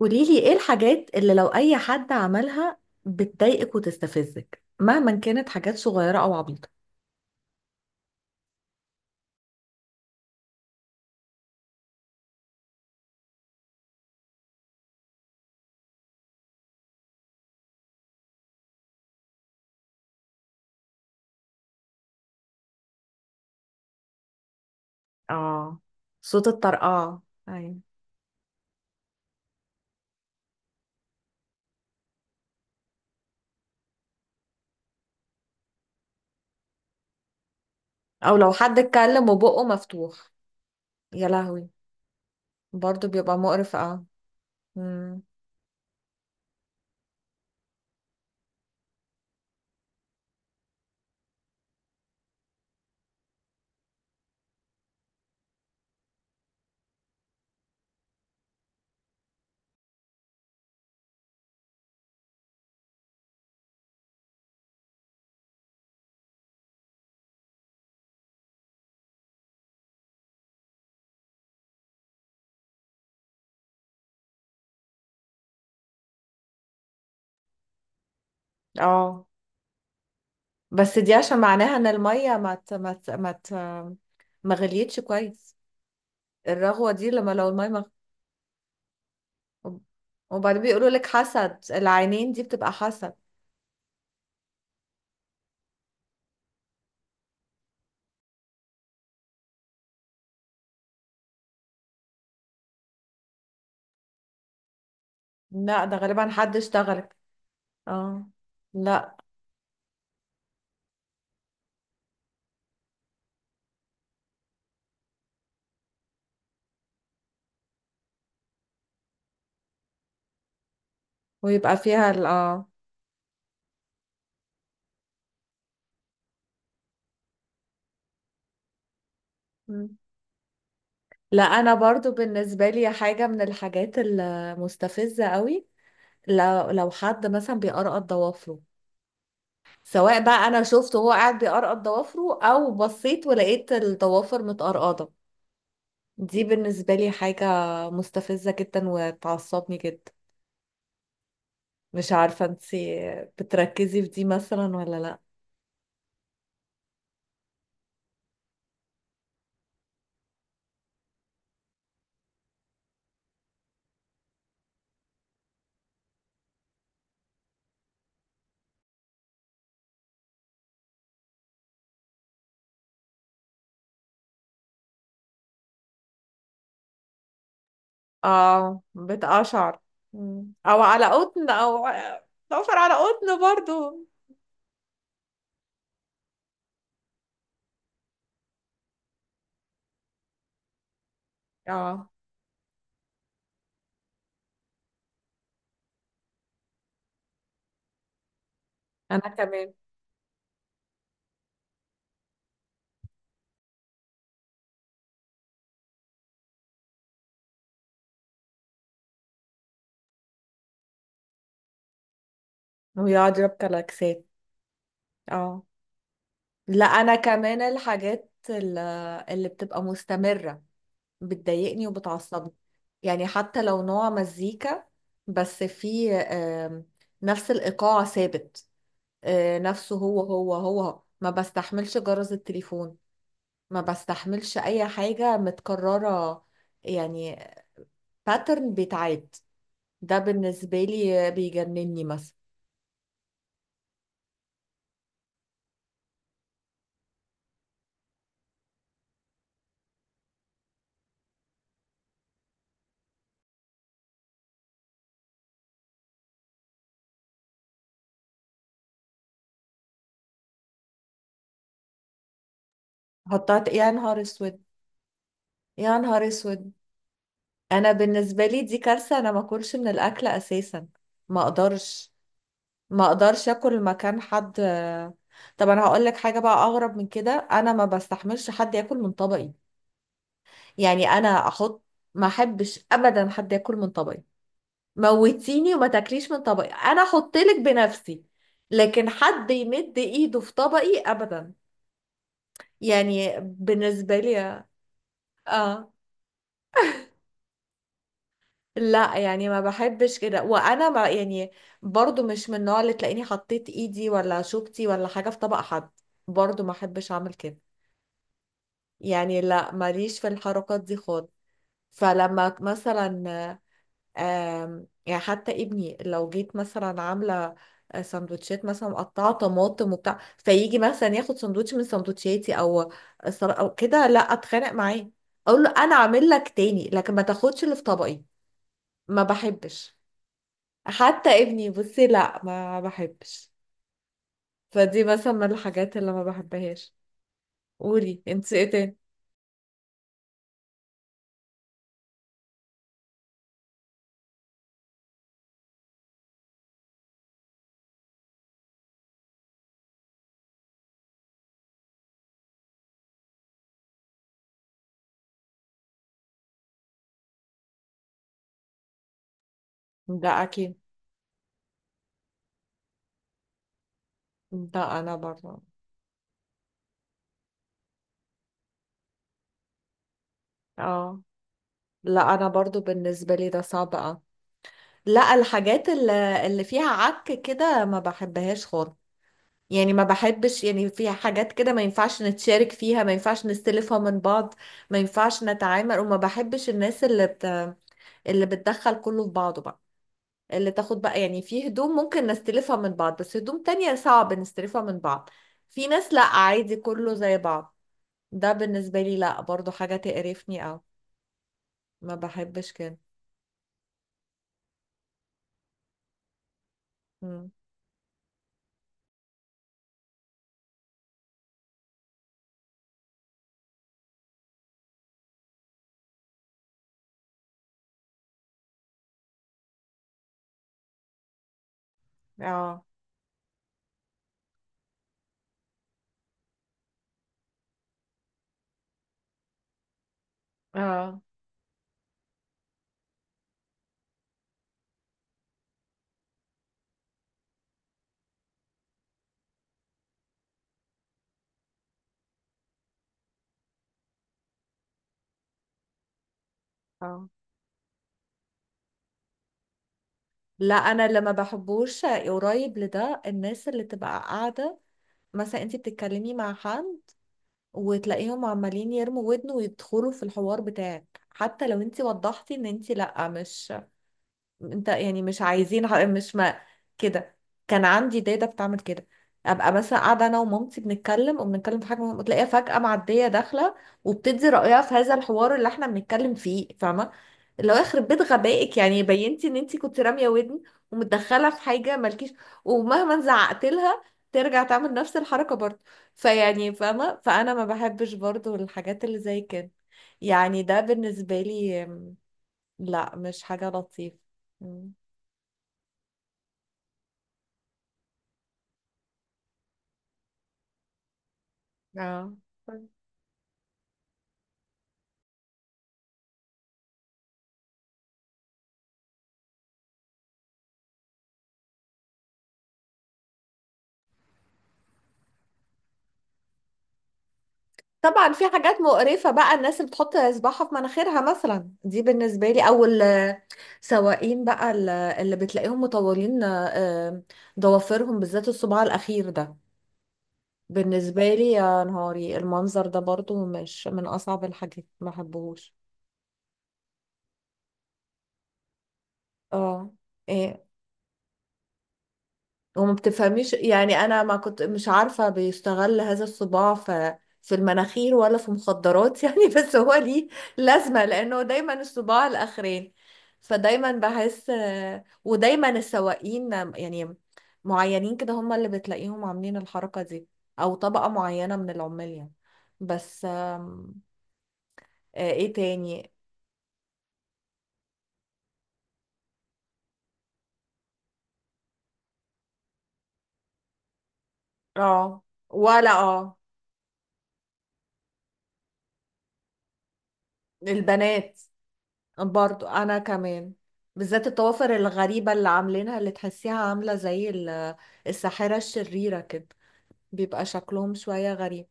قوليلي ايه الحاجات اللي لو اي حد عملها بتضايقك وتستفزك مهما كانت حاجات صغيرة او عبيطة. اه، صوت الطرقعة. أيوة. او لو حد اتكلم وبقه مفتوح يا لهوي. برضو بيبقى مقرف، اه. مم. اه، بس دي عشان معناها ان المية ما غليتش كويس. الرغوة دي لما لو المية ما... وبعدين بيقولوا لك حسد، العينين دي بتبقى حسد. لا، ده غالبا حد اشتغلك. اه، لا. ويبقى فيها ال، اه. مم. لا انا برضو بالنسبه لي حاجه من الحاجات المستفزه قوي، لو حد مثلا بيقرقط ضوافره، سواء بقى انا شفته وهو قاعد بيقرقط ضوافره او بصيت ولقيت الضوافر متقرقضه. دي بالنسبه لي حاجه مستفزه جدا وتعصبني جدا. مش عارفه انتي بتركزي في دي مثلا ولا لا. اه، بتقشعر. مم. او على قطن، او ضوافر على قطن برضو. اه، انا كمان. ويقعد يربي جلاكسات. اه، لا انا كمان الحاجات اللي بتبقى مستمرة بتضايقني وبتعصبني، يعني حتى لو نوع مزيكا، بس في نفس الإيقاع ثابت، نفسه هو هو هو. ما بستحملش جرس التليفون، ما بستحملش أي حاجة متكررة، يعني باترن بيتعاد، ده بالنسبة لي بيجنني مثلا. يا نهار اسود، يا نهار اسود. انا بالنسبه لي دي كارثه، انا ما اكلش من الاكل اساسا. ما اقدرش، ما اقدرش اكل مكان حد. طب انا هقول لك حاجه بقى اغرب من كده، انا ما بستحملش حد ياكل من طبقي. يعني انا احط، ما احبش ابدا حد ياكل من طبقي. موتيني وما تاكليش من طبقي، انا احط لك بنفسي، لكن حد يمد ايده في طبقي ابدا. يعني بالنسبه لي، اه، لا يعني ما بحبش كده. وانا ما يعني برضو مش من النوع اللي تلاقيني حطيت ايدي ولا شوكتي ولا حاجة في طبق حد، برضو ما احبش اعمل كده. يعني لا ماليش في الحركات دي خالص. فلما مثلا، يعني حتى ابني لو جيت مثلا عاملة سندوتشات مثلا مقطعة طماطم وبتاع، فيجي مثلا ياخد سندوتش من سندوتشاتي او او كده، لا اتخانق معاه اقول له انا عامل لك تاني، لكن ما تاخدش اللي في طبقي، ما بحبش. حتى ابني، بصي، لا ما بحبش. فدي مثلا من الحاجات اللي ما بحبهاش. قولي انت ايه تاني. لا اكيد. لا انا برضه. اه، لا انا برضو بالنسبه لي ده صعب، اه. لا الحاجات اللي فيها عك كده ما بحبهاش خالص. يعني ما بحبش، يعني فيها حاجات كده ما ينفعش نتشارك فيها، ما ينفعش نستلفها من بعض، ما ينفعش نتعامل. وما بحبش الناس اللي اللي بتدخل كله في بعضه بقى، اللي تاخد بقى. يعني في هدوم ممكن نستلفها من بعض، بس هدوم تانية صعب نستلفها من بعض. في ناس لا عادي كله زي بعض، ده بالنسبة لي لا برضو حاجة تقرفني، او ما بحبش كده. مم. اه، اه، اه. لا انا اللي ما بحبوش قريب لده، الناس اللي تبقى قاعدة مثلا انت بتتكلمي مع حد وتلاقيهم عمالين يرموا ودن ويدخلوا في الحوار بتاعك، حتى لو انت وضحتي ان انت لا مش، انت يعني مش عايزين مش ما، كده. كان عندي داده بتعمل كده، ابقى مثلا قاعده انا ومامتي بنتكلم وبنتكلم في حاجه مهمة، وتلاقيها فجاه معديه داخله وبتدي رايها في هذا الحوار اللي احنا بنتكلم فيه، فاهمه. اللي هو يخرب بيت غبائك، يعني بينتي ان انت كنت راميه ودن ومتدخله في حاجه مالكيش. ومهما زعقت لها ترجع تعمل نفس الحركه برضه. فيعني فاهمه، فانا ما بحبش برضه الحاجات اللي زي كده. يعني ده بالنسبه لي لا مش حاجه لطيفه. اه، طبعا في حاجات مقرفة بقى، الناس اللي بتحط إصبعها في مناخيرها مثلا دي بالنسبة لي، أو السواقين بقى اللي بتلاقيهم مطولين، ضوافرهم بالذات الصباع الأخير ده بالنسبة لي يا نهاري. المنظر ده برضو مش من أصعب الحاجات، ما بحبهوش. اه، إيه، وما بتفهميش، يعني انا ما كنت مش عارفة بيستغل هذا الصباع في في المناخير ولا في مخدرات يعني. بس هو ليه لازمة، لانه دايما الصباع الاخرين، فدايما بحس، ودايما السواقين يعني معينين كده هم اللي بتلاقيهم عاملين الحركة دي، او طبقة معينة من العمال يعني. بس ايه تاني. اه، ولا اه، البنات. برضو انا كمان بالذات الطوافر الغريبة اللي عاملينها، اللي تحسيها عاملة زي الساحرة الشريرة كده، بيبقى شكلهم شوية غريب.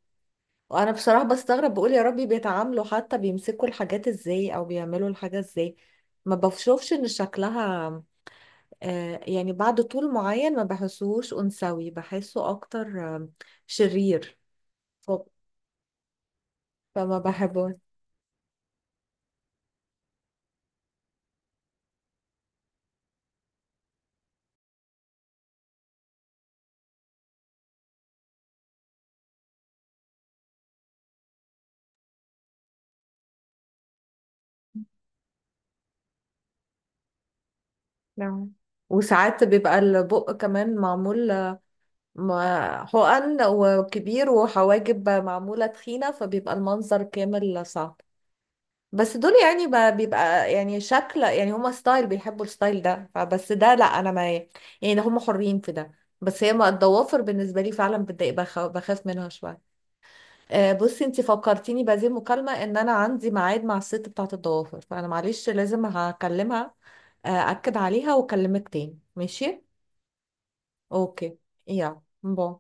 وانا بصراحة بستغرب بقول يا ربي بيتعاملوا حتى بيمسكوا الحاجات ازاي او بيعملوا الحاجة ازاي. ما بشوفش ان شكلها، يعني بعد طول معين ما بحسوش انثوي، بحسه اكتر شرير. ف- فما بحبه. نعم. وساعات بيبقى البق كمان معمول، ما حقن وكبير، وحواجب معمولة تخينة، فبيبقى المنظر كامل صعب. بس دول يعني بيبقى يعني شكل، يعني هما ستايل بيحبوا الستايل ده فبس، ده لا انا ما، يعني هما حرين في ده. بس هي ما الضوافر بالنسبة لي فعلا بتضايق، بخاف منها شوية. بصي انتي فكرتيني بهذه المكالمة ان انا عندي ميعاد مع الست بتاعة الضوافر، فانا معلش لازم هكلمها، اكد عليها واكلمك تاني ماشي. اوكي، يلا، باي.